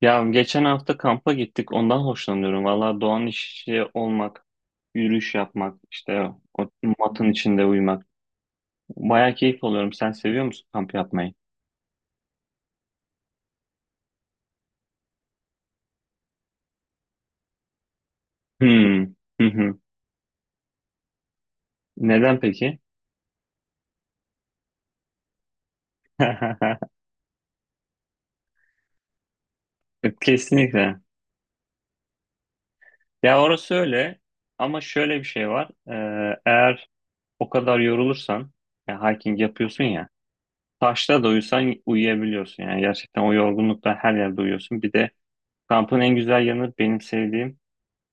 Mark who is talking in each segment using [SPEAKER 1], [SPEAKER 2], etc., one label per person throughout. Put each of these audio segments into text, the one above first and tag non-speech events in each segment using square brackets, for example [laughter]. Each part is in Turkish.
[SPEAKER 1] Ya geçen hafta kampa gittik. Ondan hoşlanıyorum. Valla doğanın içi olmak, yürüyüş yapmak, işte o matın içinde uyumak. Baya keyif alıyorum. Sen seviyor musun kamp yapmayı? Hmm. Hı hı. Neden peki? [laughs] Kesinlikle. Ya orası öyle. Ama şöyle bir şey var. Eğer o kadar yorulursan, ya hiking yapıyorsun ya, taşta da uyusan uyuyabiliyorsun. Yani gerçekten o yorgunlukla her yerde uyuyorsun. Bir de kampın en güzel yanı benim sevdiğim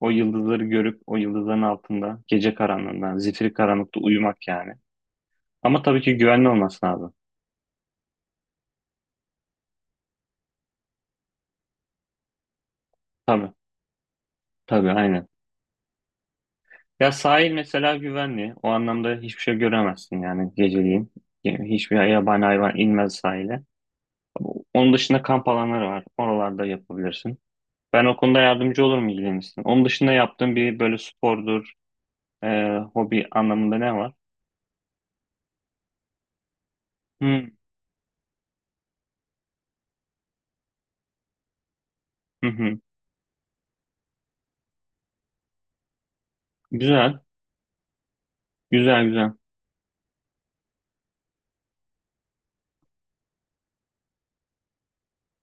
[SPEAKER 1] o yıldızları görüp o yıldızların altında gece karanlığından, zifiri karanlıkta uyumak yani. Ama tabii ki güvenli olması lazım. Tabii, tabii, aynen. Ya sahil mesela güvenli. O anlamda hiçbir şey göremezsin yani geceliğin. Yani hiçbir yabani hayvan inmez sahile. Onun dışında kamp alanları var. Oralarda yapabilirsin. Ben o konuda yardımcı olurum, ilgilenirsin. Onun dışında yaptığın bir böyle spordur, hobi anlamında ne var? Hı, hı, hı. Güzel, güzel, güzel.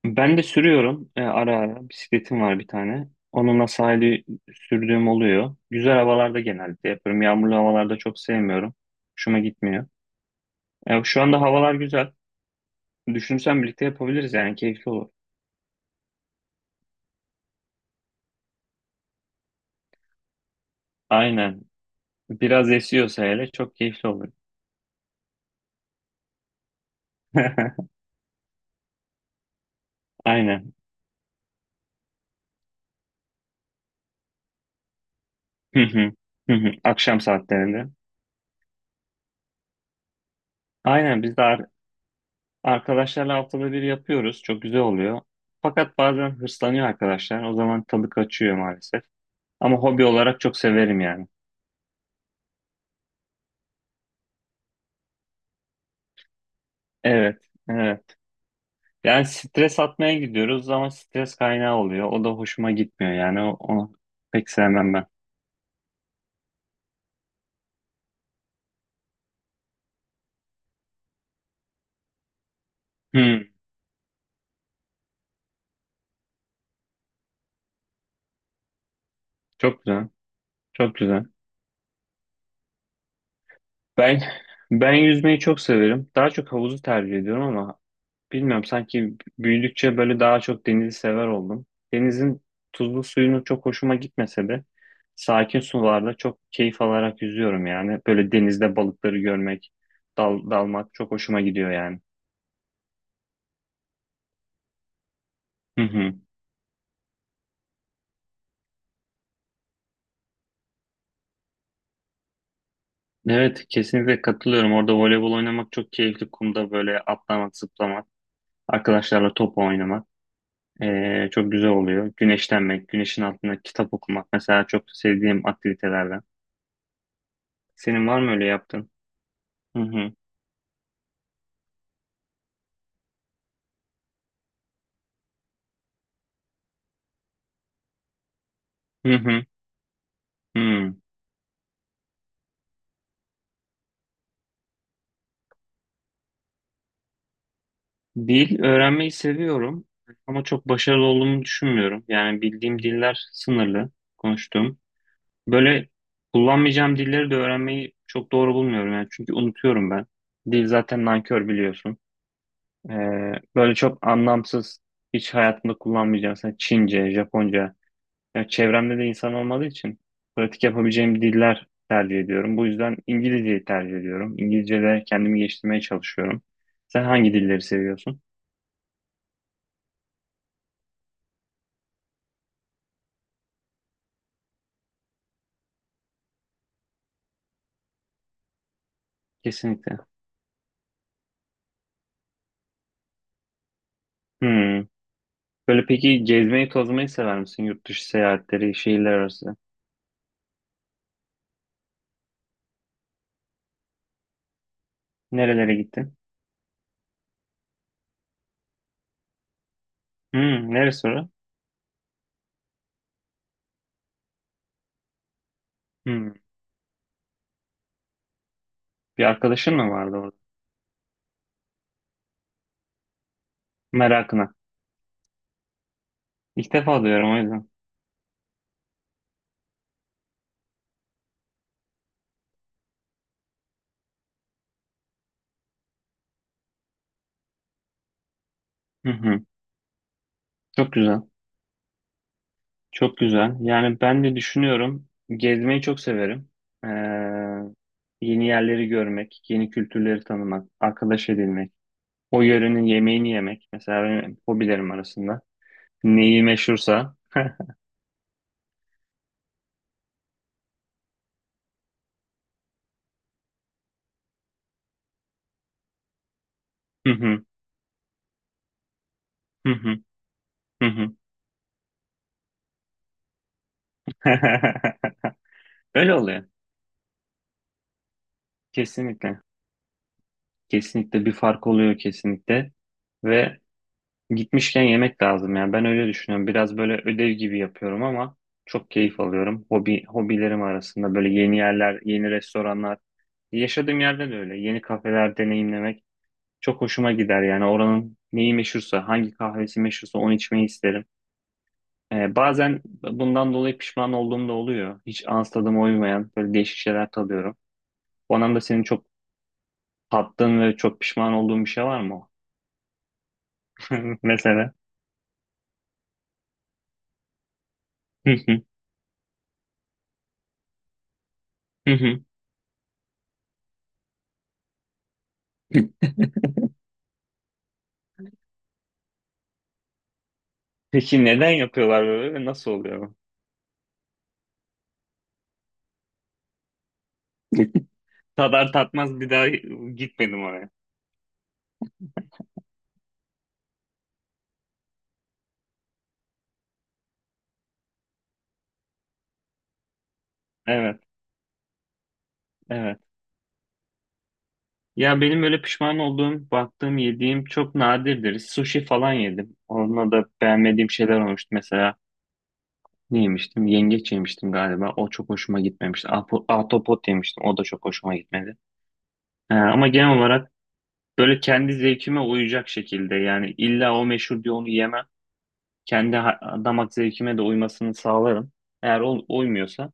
[SPEAKER 1] Ben de sürüyorum ara ara. Bisikletim var bir tane. Onunla sahili sürdüğüm oluyor. Güzel havalarda genellikle yapıyorum. Yağmurlu havalarda çok sevmiyorum. Hoşuma gitmiyor. Şu anda havalar güzel. Düşünsem birlikte yapabiliriz, yani keyifli olur. Aynen. Biraz esiyorsa hele çok keyifli olur. [laughs] Aynen. Hı hı. Hı hı. Akşam saatlerinde. Aynen, biz de arkadaşlarla haftada bir yapıyoruz. Çok güzel oluyor. Fakat bazen hırslanıyor arkadaşlar. O zaman tadı kaçıyor maalesef. Ama hobi olarak çok severim yani. Evet, evet. Yani stres atmaya gidiyoruz ama stres kaynağı oluyor. O da hoşuma gitmiyor yani. Onu pek sevmem ben. Hmm, çok güzel, çok güzel. Ben ben yüzmeyi çok severim. Daha çok havuzu tercih ediyorum ama bilmiyorum, sanki büyüdükçe böyle daha çok denizi sever oldum. Denizin tuzlu suyunu çok hoşuma gitmese de sakin sularda çok keyif alarak yüzüyorum yani. Böyle denizde balıkları görmek, dalmak çok hoşuma gidiyor yani. Hı hı. Evet, kesinlikle katılıyorum. Orada voleybol oynamak çok keyifli. Kumda böyle atlamak, zıplamak, arkadaşlarla top oynamak çok güzel oluyor. Güneşlenmek, güneşin altında kitap okumak mesela çok sevdiğim aktivitelerden. Senin var mı öyle yaptığın? Hı hı. Hı hı. Hı. Dil öğrenmeyi seviyorum ama çok başarılı olduğumu düşünmüyorum. Yani bildiğim diller sınırlı, konuştuğum. Böyle kullanmayacağım dilleri de öğrenmeyi çok doğru bulmuyorum yani, çünkü unutuyorum ben. Dil zaten nankör, biliyorsun. Böyle çok anlamsız, hiç hayatımda kullanmayacağım. Mesela Çince, Japonca. Yani çevremde de insan olmadığı için pratik yapabileceğim diller tercih ediyorum. Bu yüzden İngilizceyi tercih ediyorum. İngilizce'de kendimi geliştirmeye çalışıyorum. Sen hangi dilleri seviyorsun? Kesinlikle. Hmm. Böyle peki, gezmeyi, tozmayı sever misin? Yurt dışı seyahatleri, şehirler arası. Nerelere gittin? Neresi orası? Hmm. Bir arkadaşın mı vardı orada? Merakına. İlk defa duyuyorum, o yüzden. Hı hı. Çok güzel. Çok güzel. Yani ben de düşünüyorum. Gezmeyi çok severim. Ee, yeni yerleri görmek, yeni kültürleri tanımak, arkadaş edinmek, o yörenin yemeğini yemek. Mesela benim hobilerim arasında. Neyi meşhursa. [laughs] Hı hı, hı hı, hı hı. [laughs] Öyle oluyor. Kesinlikle. Kesinlikle bir fark oluyor, kesinlikle. Ve gitmişken yemek lazım ya. Ben öyle düşünüyorum. Biraz böyle ödev gibi yapıyorum ama çok keyif alıyorum. Hobilerim arasında böyle yeni yerler, yeni restoranlar. Yaşadığım yerde de öyle. Yeni kafeler deneyimlemek çok hoşuma gider. Yani oranın neyi meşhursa, hangi kahvesi meşhursa onu içmeyi isterim. Bazen bundan dolayı pişman olduğum da oluyor. Hiç ağız tadıma uymayan böyle değişik şeyler tadıyorum. O anlamda senin çok tattığın ve çok pişman olduğun bir şey var mı? [laughs] Mesela. [laughs] Peki neden yapıyorlar böyle ve nasıl oluyor? [laughs] Tadar tatmaz bir daha gitmedim oraya. Evet, evet. Ya benim böyle pişman olduğum, baktığım, yediğim çok nadirdir. Sushi falan yedim. Onunla da beğenmediğim şeyler olmuştu. Mesela ne yemiştim? Yengeç yemiştim galiba. O çok hoşuma gitmemişti. Ahtapot yemiştim. O da çok hoşuma gitmedi. Ama genel olarak böyle kendi zevkime uyacak şekilde, yani illa o meşhur diye onu yemem. Kendi damak zevkime de uymasını sağlarım. Eğer o uymuyorsa,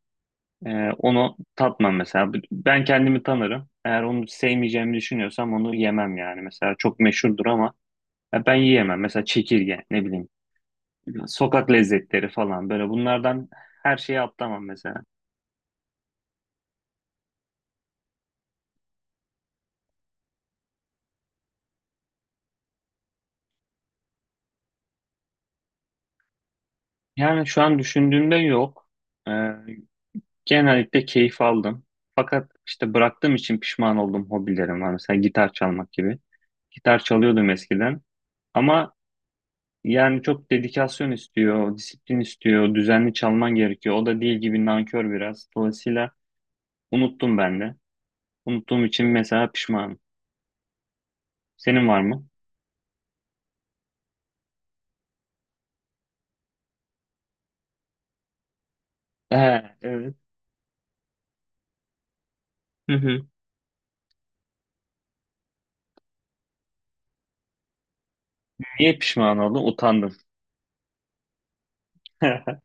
[SPEAKER 1] Onu tatmam mesela. Ben kendimi tanırım. Eğer onu sevmeyeceğimi düşünüyorsam onu yemem yani. Mesela çok meşhurdur ama ya ben yiyemem. Mesela çekirge, ne bileyim, sokak lezzetleri falan, böyle bunlardan her şeyi atlamam mesela. Yani şu an düşündüğümde yok. Ee, genellikle keyif aldım. Fakat işte bıraktığım için pişman oldum hobilerim var. Mesela gitar çalmak gibi. Gitar çalıyordum eskiden. Ama yani çok dedikasyon istiyor, disiplin istiyor, düzenli çalman gerekiyor. O da değil gibi, nankör biraz. Dolayısıyla unuttum ben de. Unuttuğum için mesela pişmanım. Senin var mı? He, evet. Hı hı. Niye pişman oldum? Utandım. [laughs]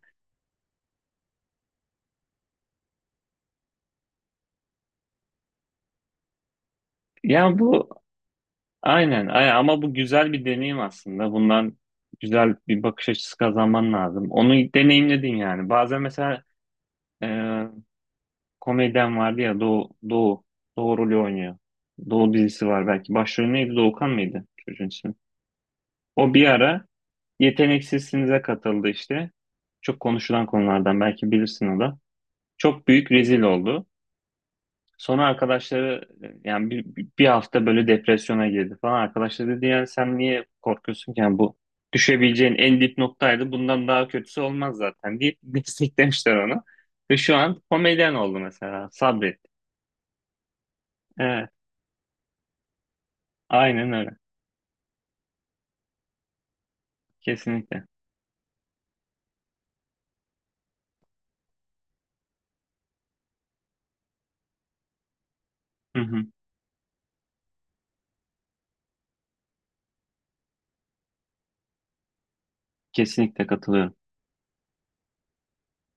[SPEAKER 1] Ya bu, aynen, ama bu güzel bir deneyim aslında. Bundan güzel bir bakış açısı kazanman lazım. Onu deneyimledin yani. Bazen mesela komedyen vardı ya, Doğu rolü oynuyor. Doğu dizisi var belki. Başrolü neydi? Doğukan mıydı çocuğun ismi? O bir ara Yeteneksizsinize katıldı işte. Çok konuşulan konulardan, belki bilirsin o da. Çok büyük rezil oldu. Sonra arkadaşları yani bir hafta böyle depresyona girdi falan. Arkadaşları dedi yani, sen niye korkuyorsun ki? Yani bu düşebileceğin en dip noktaydı. Bundan daha kötüsü olmaz zaten, deyip [laughs] desteklemişler onu. Ve şu an komedyen oldu mesela. Sabret. Evet. Aynen öyle. Kesinlikle. Hı hı. Kesinlikle katılıyorum.